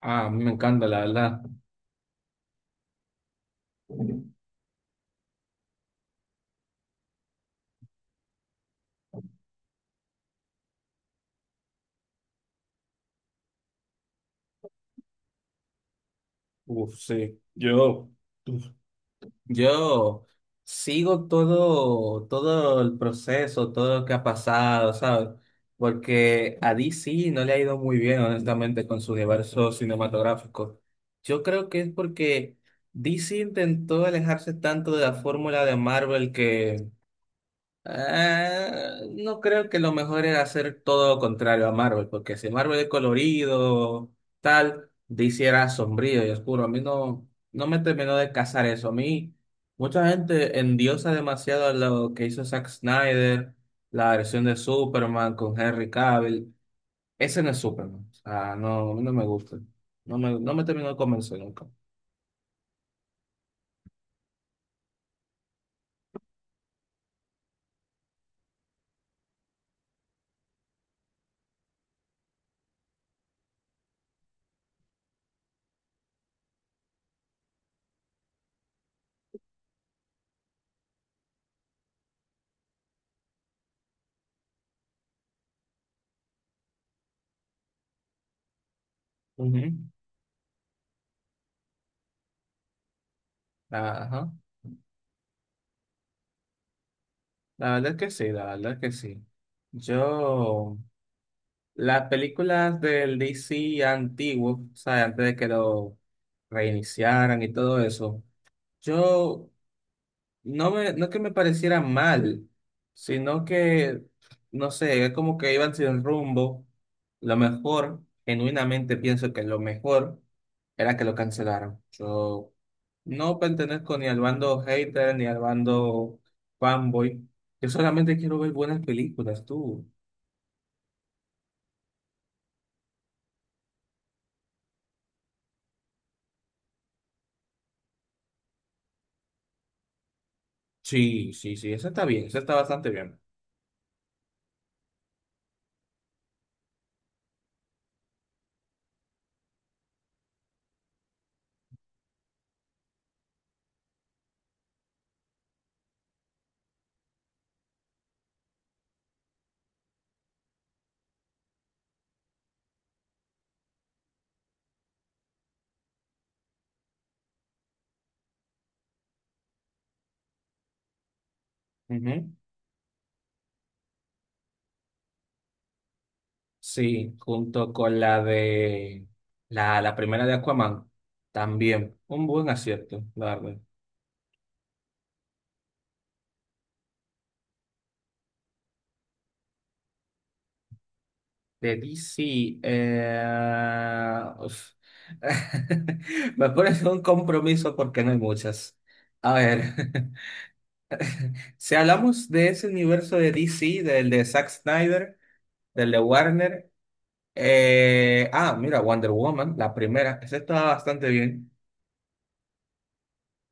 Ah, a mí me encanta, la verdad. Uf, sí. Uf, Yo sigo todo el proceso, todo lo que ha pasado, ¿sabes? Porque a DC no le ha ido muy bien, honestamente, con su universo cinematográfico. Yo creo que es porque DC intentó alejarse tanto de la fórmula de Marvel que no creo que lo mejor era hacer todo lo contrario a Marvel, porque si Marvel es colorido, tal, DC era sombrío y oscuro. A mí no, no me terminó de casar eso. A mí, mucha gente endiosa demasiado a lo que hizo Zack Snyder, la versión de Superman con Henry Cavill. Ese no es Superman. O sea, no, a mí no me gusta. No me terminó de convencer nunca. Ujú. Ajá. La verdad es que sí, la verdad es que sí. Yo. Las películas del DC antiguo, o sea, antes de que lo reiniciaran y todo eso, yo no que me pareciera mal, sino que, no sé, es como que iban sin rumbo. Lo mejor, genuinamente pienso que lo mejor era que lo cancelaran. Yo no pertenezco ni al bando hater ni al bando fanboy. Yo solamente quiero ver buenas películas, tú. Sí, sí, sí, eso está bien, eso está bastante bien. Ujú. Sí, junto con la de la primera de Aquaman, también un buen acierto, la verdad. De DC, uf. me pones en un compromiso porque no hay muchas. A ver, si hablamos de ese universo de DC, del de Zack Snyder, del de Warner, mira, Wonder Woman, la primera, esa estaba bastante bien.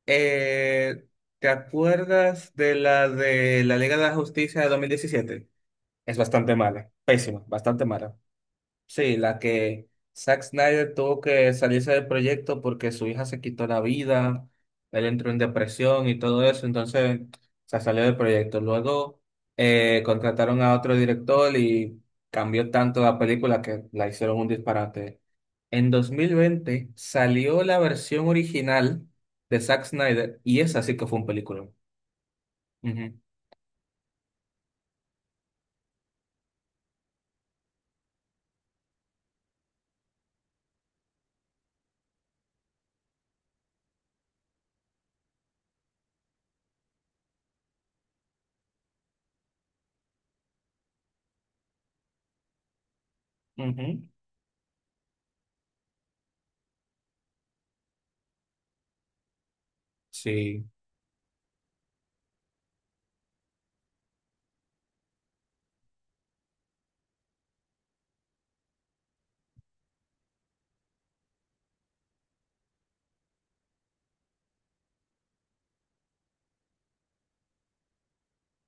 Eh, ¿te acuerdas de la Liga de la Justicia de 2017? Es bastante mala, pésima, bastante mala. Sí, la que Zack Snyder tuvo que salirse del proyecto porque su hija se quitó la vida, él entró en depresión y todo eso, entonces se salió del proyecto. Luego contrataron a otro director y cambió tanto la película que la hicieron un disparate. En 2020 salió la versión original de Zack Snyder y esa sí que fue un película. Ujú, ujú, sí.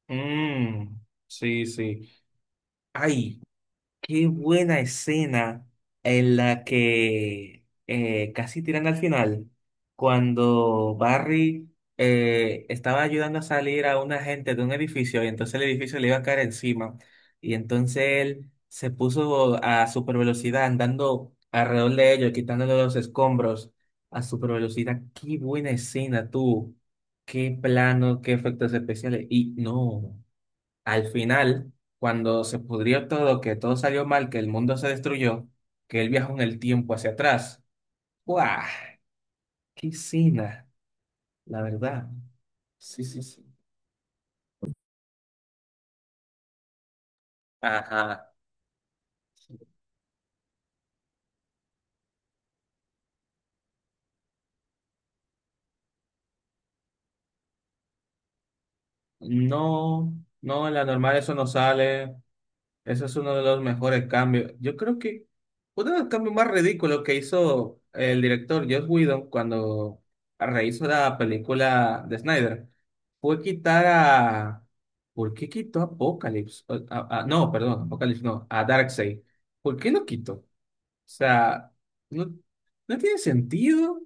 Mm, sí, sí. Ay. Qué buena escena en la que casi tiran al final, cuando Barry estaba ayudando a salir a una gente de un edificio y entonces el edificio le iba a caer encima y entonces él se puso a super velocidad andando alrededor de ellos, quitándole los escombros a super velocidad. Qué buena escena tú, qué plano, qué efectos especiales y no. Al final, cuando se pudrió todo, que todo salió mal, que el mundo se destruyó, que él viajó en el tiempo hacia atrás. ¡Guau! ¡Qué cena! La verdad. Sí, sí, sí. Ajá. No, no, en la normal eso no sale. Ese es uno de los mejores cambios. Yo creo que uno de los cambios más ridículos que hizo el director Joss Whedon cuando rehizo la película de Snyder fue quitar a... ¿Por qué quitó a Apocalypse? No, perdón, Apocalypse no, a Darkseid. ¿Por qué lo quitó? O sea, no, no tiene sentido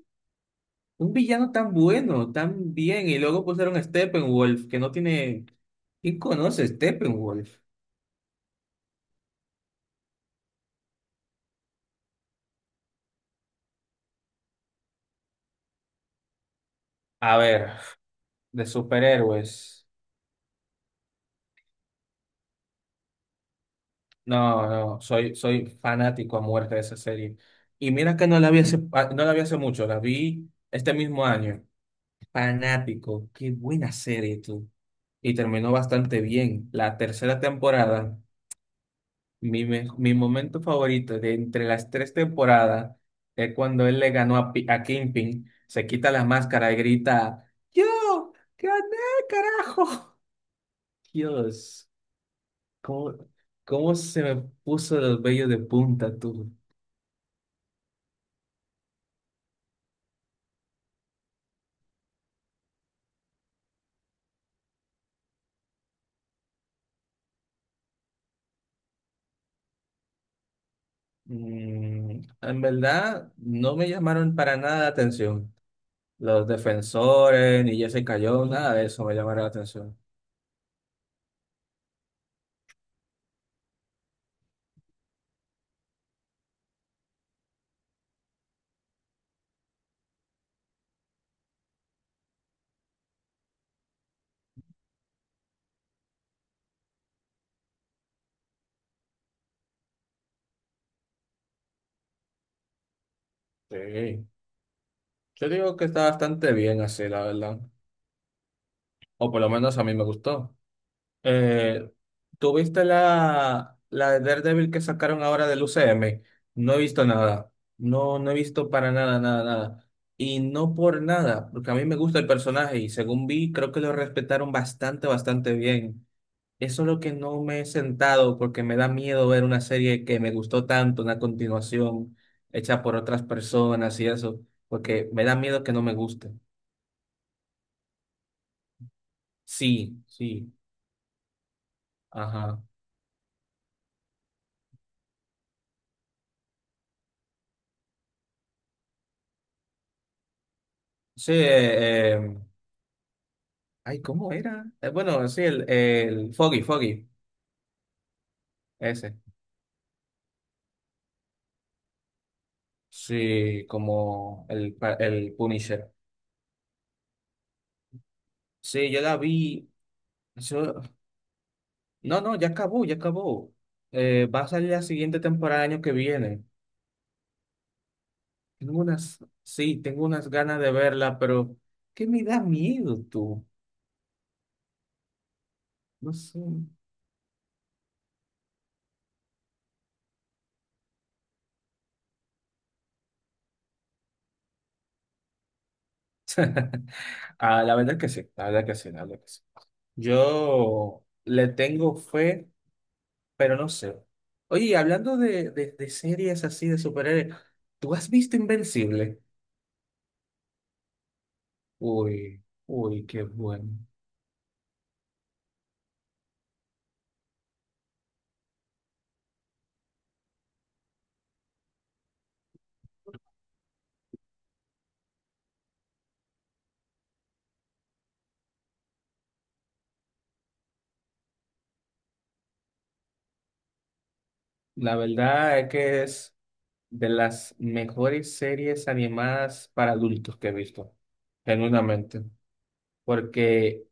un villano tan bueno, tan bien, y luego pusieron a Steppenwolf, que no tiene... ¿Quién conoce a Steppenwolf? A ver. De superhéroes. No, no, soy fanático a muerte de esa serie. Y mira que no la vi hace, no la vi hace mucho, la vi este mismo año. Fanático, qué buena serie tú. Y terminó bastante bien. La tercera temporada, mi momento favorito de entre las tres temporadas es cuando él le ganó a, a Kingpin, se quita la máscara y grita, ¡Yo! ¡Gané, carajo! Dios. ¿Cómo, cómo se me puso los vellos de punta tú? En verdad, no me llamaron para nada la atención. Los defensores, ni Jesse Cayó, nada de eso me llamaron la atención. Sí. Yo digo que está bastante bien así, la verdad. O por lo menos a mí me gustó. Eh, ¿tú viste la, de Daredevil que sacaron ahora del UCM? No he visto nada. No, no he visto para nada, nada, nada. Y no por nada, porque a mí me gusta el personaje y según vi, creo que lo respetaron bastante, bastante bien. Eso es lo que no me he sentado porque me da miedo ver una serie que me gustó tanto, una continuación hecha por otras personas y eso, porque me da miedo que no me guste. Sí, sí, ajá. Sí, ay, ¿cómo era? Bueno, sí, el Foggy, Foggy, ese. Sí, como el Punisher. Sí, yo la vi. Yo. No, no, ya acabó, ya acabó. Va a salir la siguiente temporada el año que viene. Tengo unas, sí, tengo unas ganas de verla, pero ¿qué me da miedo tú? No sé. Ah, la verdad que sí, la verdad que sí, la verdad que sí. Yo le tengo fe. Pero no sé. Oye, y hablando de series así de superhéroes, ¿tú has visto Invencible? Uy, uy, qué bueno. La verdad es que es de las mejores series animadas para adultos que he visto, genuinamente. Porque,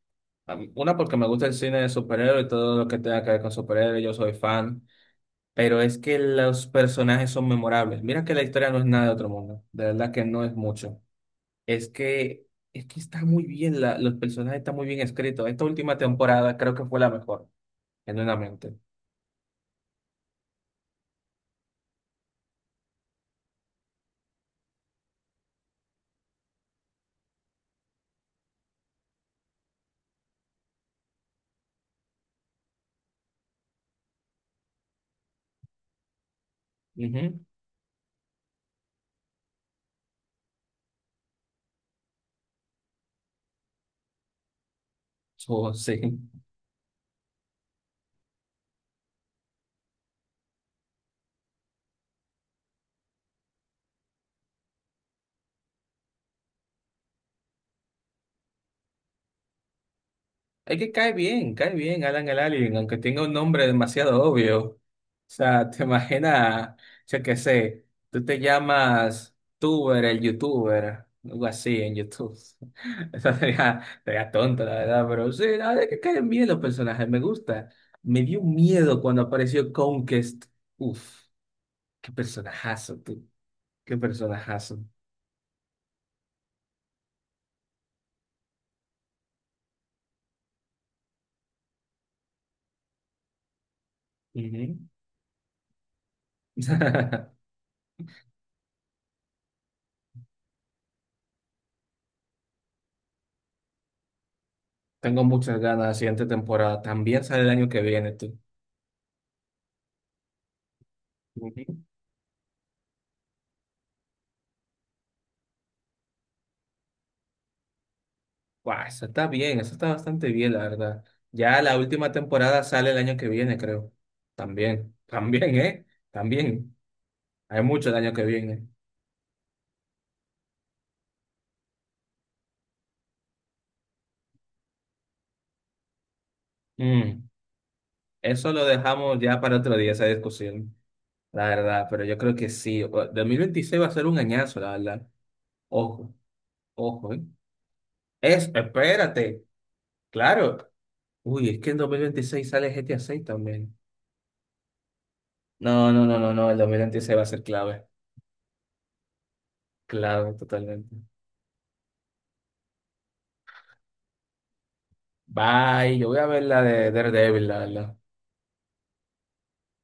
a una, porque me gusta el cine de superhéroes y todo lo que tenga que ver con superhéroes, yo soy fan. Pero es que los personajes son memorables. Mira que la historia no es nada de otro mundo. De verdad que no es mucho. Es que, es que está muy bien, los personajes están muy bien escritos. Esta última temporada creo que fue la mejor, genuinamente. Ujú. Sí. Es que cae bien Alan el Alien, aunque tenga un nombre demasiado obvio. O sea, te imaginas, yo qué sé, tú te llamas Tuber, el YouTuber, algo así en YouTube. Eso sería tonto, la verdad, pero sí, la verdad es que caen bien los personajes, me gusta. Me dio miedo cuando apareció Conquest. Uf. Qué personajazo, tú. Qué personajazo. Ujú. Tengo muchas ganas de la siguiente temporada. También sale el año que viene, tú. Ujú. Guau, eso está bien, eso está bastante bien, la verdad. Ya la última temporada sale el año que viene, creo. También, también, ¿eh? También. Hay mucho el año que viene. Mm, Eso lo dejamos ya para otro día, esa discusión, la verdad. Pero yo creo que sí. Dos mil veintiséis va a ser un añazo, la verdad. Ojo, ojo, ¿eh? Espérate, claro. Uy, es que en 2026 sale GTA 6 también. No, no, no, no, no, el 2026 va a ser clave. Clave, totalmente. Bye, yo voy a ver la de Daredevil, la verdad.